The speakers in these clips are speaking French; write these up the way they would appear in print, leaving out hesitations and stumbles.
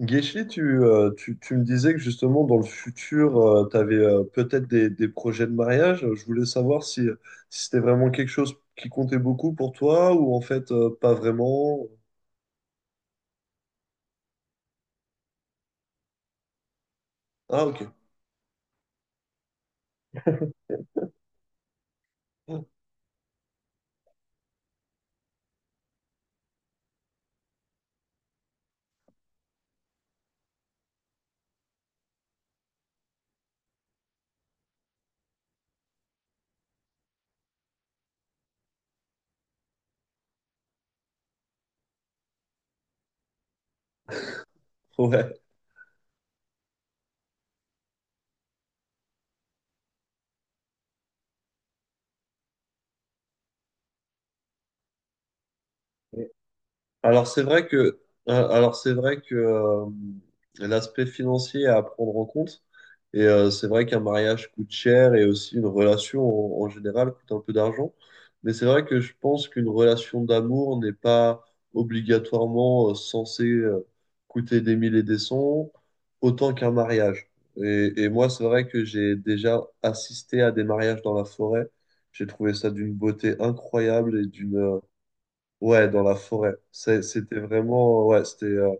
Guéchi, tu me disais que justement dans le futur, tu avais peut-être des projets de mariage. Je voulais savoir si c'était vraiment quelque chose qui comptait beaucoup pour toi ou en fait pas vraiment. Ah ok. Ouais. Alors c'est vrai que, alors c'est vrai que l'aspect financier est à prendre en compte. Et c'est vrai qu'un mariage coûte cher et aussi une relation en général coûte un peu d'argent. Mais c'est vrai que je pense qu'une relation d'amour n'est pas obligatoirement censée coûter des mille et des cents autant qu'un mariage. Et moi, c'est vrai que j'ai déjà assisté à des mariages dans la forêt. J'ai trouvé ça d'une beauté incroyable et d'une ouais, dans la forêt. C'était vraiment, ouais, c'était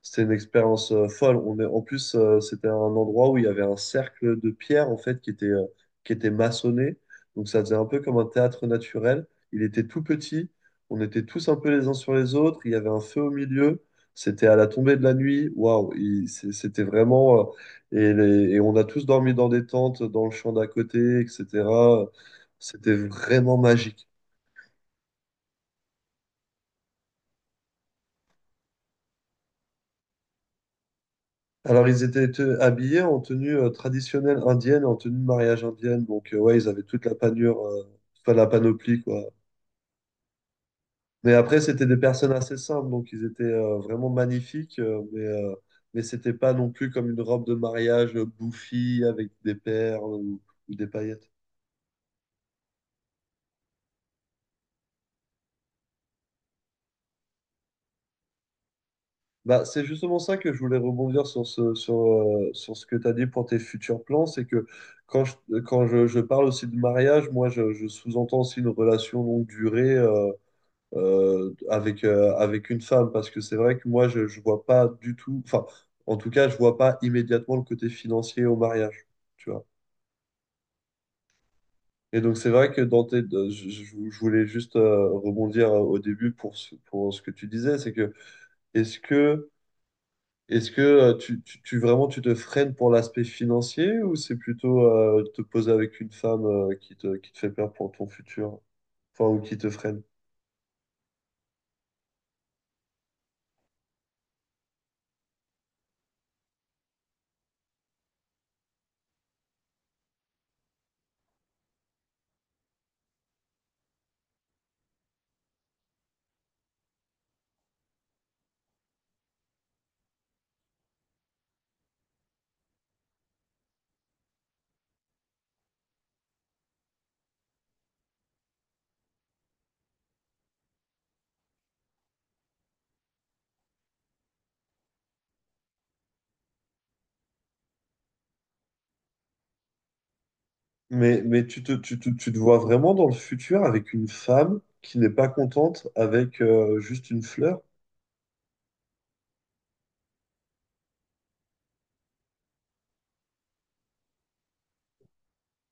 c'était une expérience folle. On est, en plus, c'était un endroit où il y avait un cercle de pierre en fait qui était maçonné. Donc ça faisait un peu comme un théâtre naturel. Il était tout petit. On était tous un peu les uns sur les autres. Il y avait un feu au milieu. C'était à la tombée de la nuit. Waouh, c'était vraiment. Et on a tous dormi dans des tentes, dans le champ d'à côté, etc. C'était vraiment magique. Alors, ils étaient habillés en tenue traditionnelle indienne, en tenue de mariage indienne. Donc, ouais, ils avaient toute la panure, la panoplie, quoi. Mais après, c'était des personnes assez simples. Donc, ils étaient vraiment magnifiques. Mais c'était pas non plus comme une robe de mariage bouffie avec des perles ou des paillettes. Bah, c'est justement ça que je voulais rebondir sur sur ce que tu as dit pour tes futurs plans. C'est que quand je, quand je parle aussi de mariage, je sous-entends aussi une relation longue durée, avec une femme, parce que c'est vrai que moi, je ne vois pas du tout, enfin, en tout cas, je vois pas immédiatement le côté financier au mariage, tu vois. Et donc, c'est vrai que dans tes, de- je voulais juste rebondir au début pour pour ce que tu disais, c'est que est-ce que, est-ce que vraiment tu te freines pour l'aspect financier ou c'est plutôt te poser avec une femme qui te fait peur pour ton futur, enfin, ou qui te freine? Mais tu te vois vraiment dans le futur avec une femme qui n'est pas contente avec juste une fleur?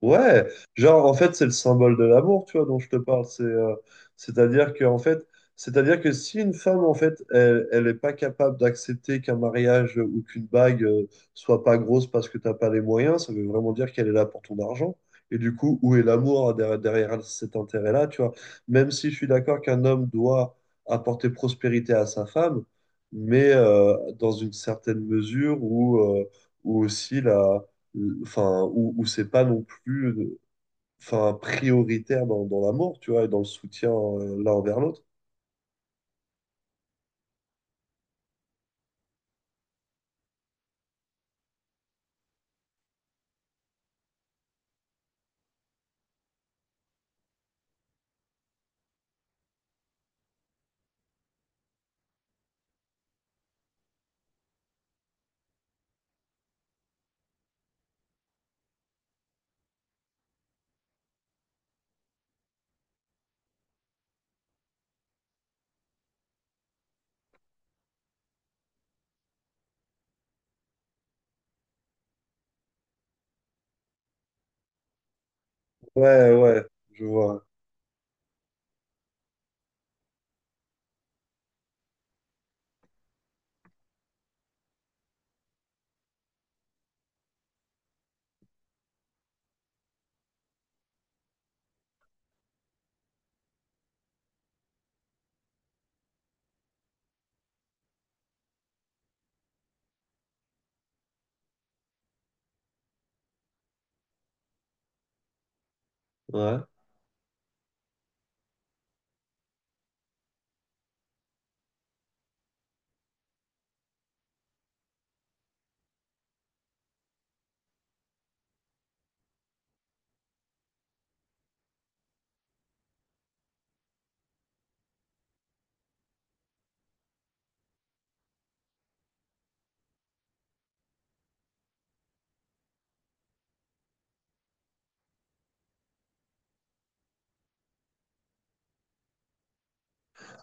Ouais, genre en fait c'est le symbole de l'amour, tu vois, dont je te parle. C'est-à-dire que en fait, C'est-à-dire que si une femme en fait, elle est pas capable d'accepter qu'un mariage ou qu'une bague soit pas grosse parce que t'as pas les moyens, ça veut vraiment dire qu'elle est là pour ton argent. Et du coup, où est l'amour hein, derrière cet intérêt-là, tu vois? Même si je suis d'accord qu'un homme doit apporter prospérité à sa femme, mais dans une certaine mesure où ou aussi là enfin, où, où c'est pas non plus prioritaire dans l'amour, tu vois, et dans le soutien l'un envers l'autre. Ouais, ouais, je vois. Ouais.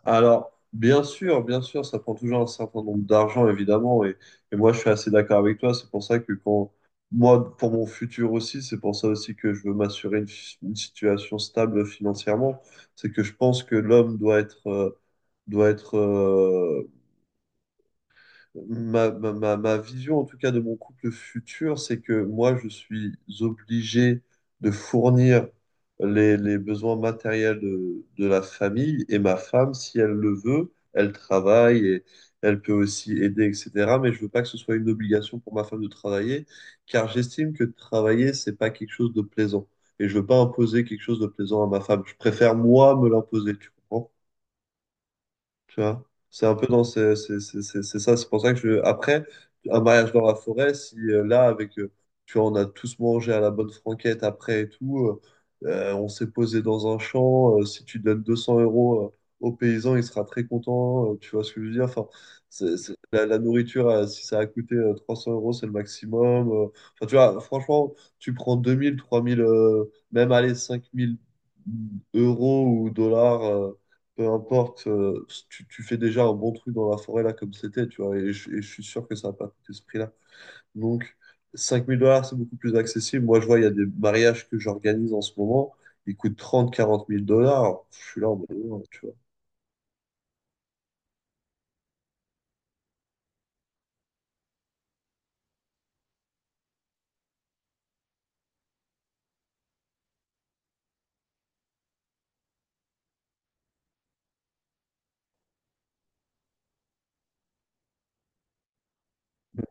Alors, bien sûr, ça prend toujours un certain nombre d'argent, évidemment, et moi, je suis assez d'accord avec toi. C'est pour ça que quand, moi, pour mon futur aussi, c'est pour ça aussi que je veux m'assurer une situation stable financièrement. C'est que je pense que l'homme doit être euh, ma vision, en tout cas, de mon couple futur, c'est que moi, je suis obligé de fournir les besoins matériels de la famille et ma femme, si elle le veut, elle travaille et elle peut aussi aider, etc. Mais je veux pas que ce soit une obligation pour ma femme de travailler, car j'estime que travailler, c'est pas quelque chose de plaisant. Et je veux pas imposer quelque chose de plaisant à ma femme. Je préfère, moi, me l'imposer, tu comprends? Tu vois, c'est un peu dans ce- c'est ça. C'est pour ça que je. Après, un mariage dans la forêt, si là, avec. Tu vois, on a tous mangé à la bonne franquette après et tout. On s'est posé dans un champ. Si tu donnes 200 euros au paysan, il sera très content. Tu vois ce que je veux dire? Enfin, la nourriture, si ça a coûté 300 euros, c'est le maximum. Enfin, tu vois, franchement, tu prends 2000, 3000, même allez, 5000 euros ou dollars. Peu importe, tu fais déjà un bon truc dans la forêt là comme c'était, tu vois, et je suis sûr que ça n'a pas coûté ce prix-là. Donc $5,000, c'est beaucoup plus accessible. Moi, je vois, il y a des mariages que j'organise en ce moment, ils coûtent 30, $40,000. Je suis là en mode, non, tu vois.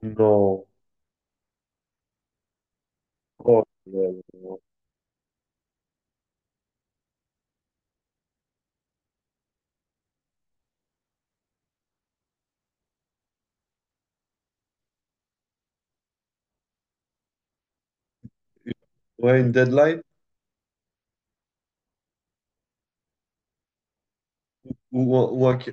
Non. Oh, non, non. Ouais, une deadline ou, un- ou un... ca-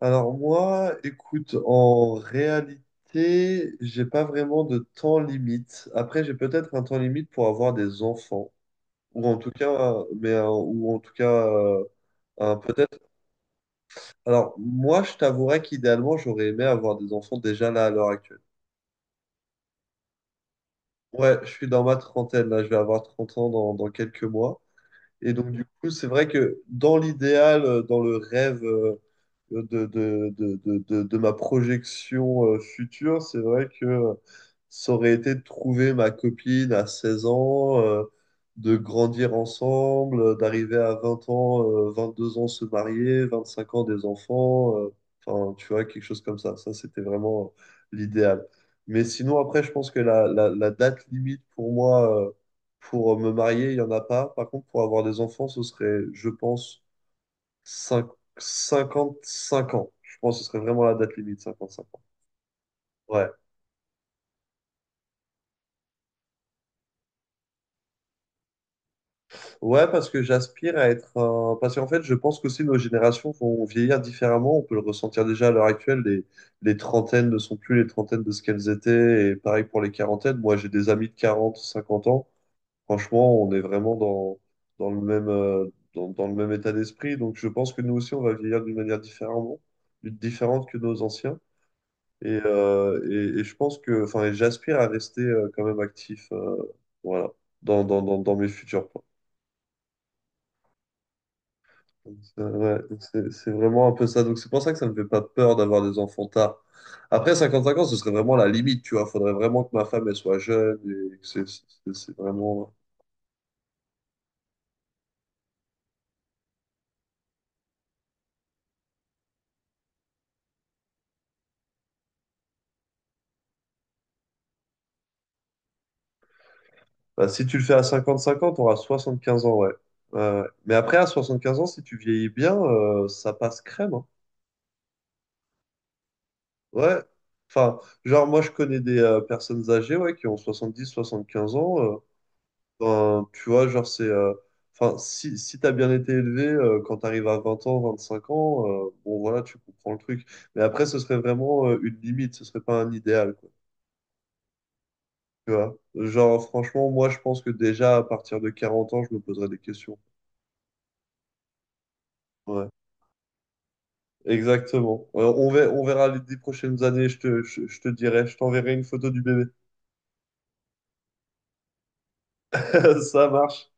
alors moi, écoute, en réalité, j'ai pas vraiment de temps limite. Après, j'ai peut-être un temps limite pour avoir des enfants. Ou en tout cas, peut-être. Alors, moi, je t'avouerais qu'idéalement, j'aurais aimé avoir des enfants déjà là à l'heure actuelle. Ouais, je suis dans ma trentaine, là, je vais avoir 30 ans dans quelques mois. Et donc, du coup, c'est vrai que dans l'idéal, dans le rêve de ma projection future, c'est vrai que ça aurait été de trouver ma copine à 16 ans, de grandir ensemble, d'arriver à 20 ans, 2 ans se marier, 25 ans des enfants, enfin, tu vois, quelque chose comme ça. Ça, c'était vraiment l'idéal. Mais sinon, après, je pense que la date limite pour moi pour me marier, il n'y en a pas. Par contre, pour avoir des enfants, ce serait, je pense, 5, 55 ans. Je pense que ce serait vraiment la date limite, 55 ans. Ouais. Ouais, parce que j'aspire à être un... Parce qu'en fait, je pense qu'aussi nos générations vont vieillir différemment. On peut le ressentir déjà à l'heure actuelle. Les trentaines ne sont plus les trentaines de ce qu'elles étaient. Et pareil pour les quarantaines. Moi, j'ai des amis de 40, 50 ans. Franchement, on est vraiment dans le même, dans le même état d'esprit. Donc, je pense que nous aussi, on va vieillir d'une manière différemment, différente que nos anciens. Et, euh, et je pense que, enfin, et j'aspire à rester quand même actif, voilà, dans mes futurs plans. Donc, c'est ouais, c'est vraiment un peu ça. Donc, c'est pour ça que ça me fait pas peur d'avoir des enfants tard. Après 55 ans, ce serait vraiment la limite, tu vois. Faudrait vraiment que ma femme, elle soit jeune et que c'est vraiment. Bah, si tu le fais à 55 ans, tu auras 15 ans, ouais. Ouais, ouais. Mais après, à 75 ans, si tu vieillis bien, ça passe crème. Hein. Ouais. Enfin, genre, moi, je connais des personnes âgées ouais, qui ont soixante 75 ans. Tu vois, genre, c'est. Enfin, si, si t'as bien été élevé, quand t'arrives à 20 ans, 25 ans, bon, voilà, tu comprends le truc. Mais après, ce serait vraiment une limite, ce serait pas un idéal, quoi. Tu vois? Genre, franchement, moi, je pense que déjà, à partir de 40 ans, je me poserais des questions. Ouais. Exactement. On verra, on verra les 10 prochaines années, je te dirai, je t'enverrai une photo du bébé. Ça marche.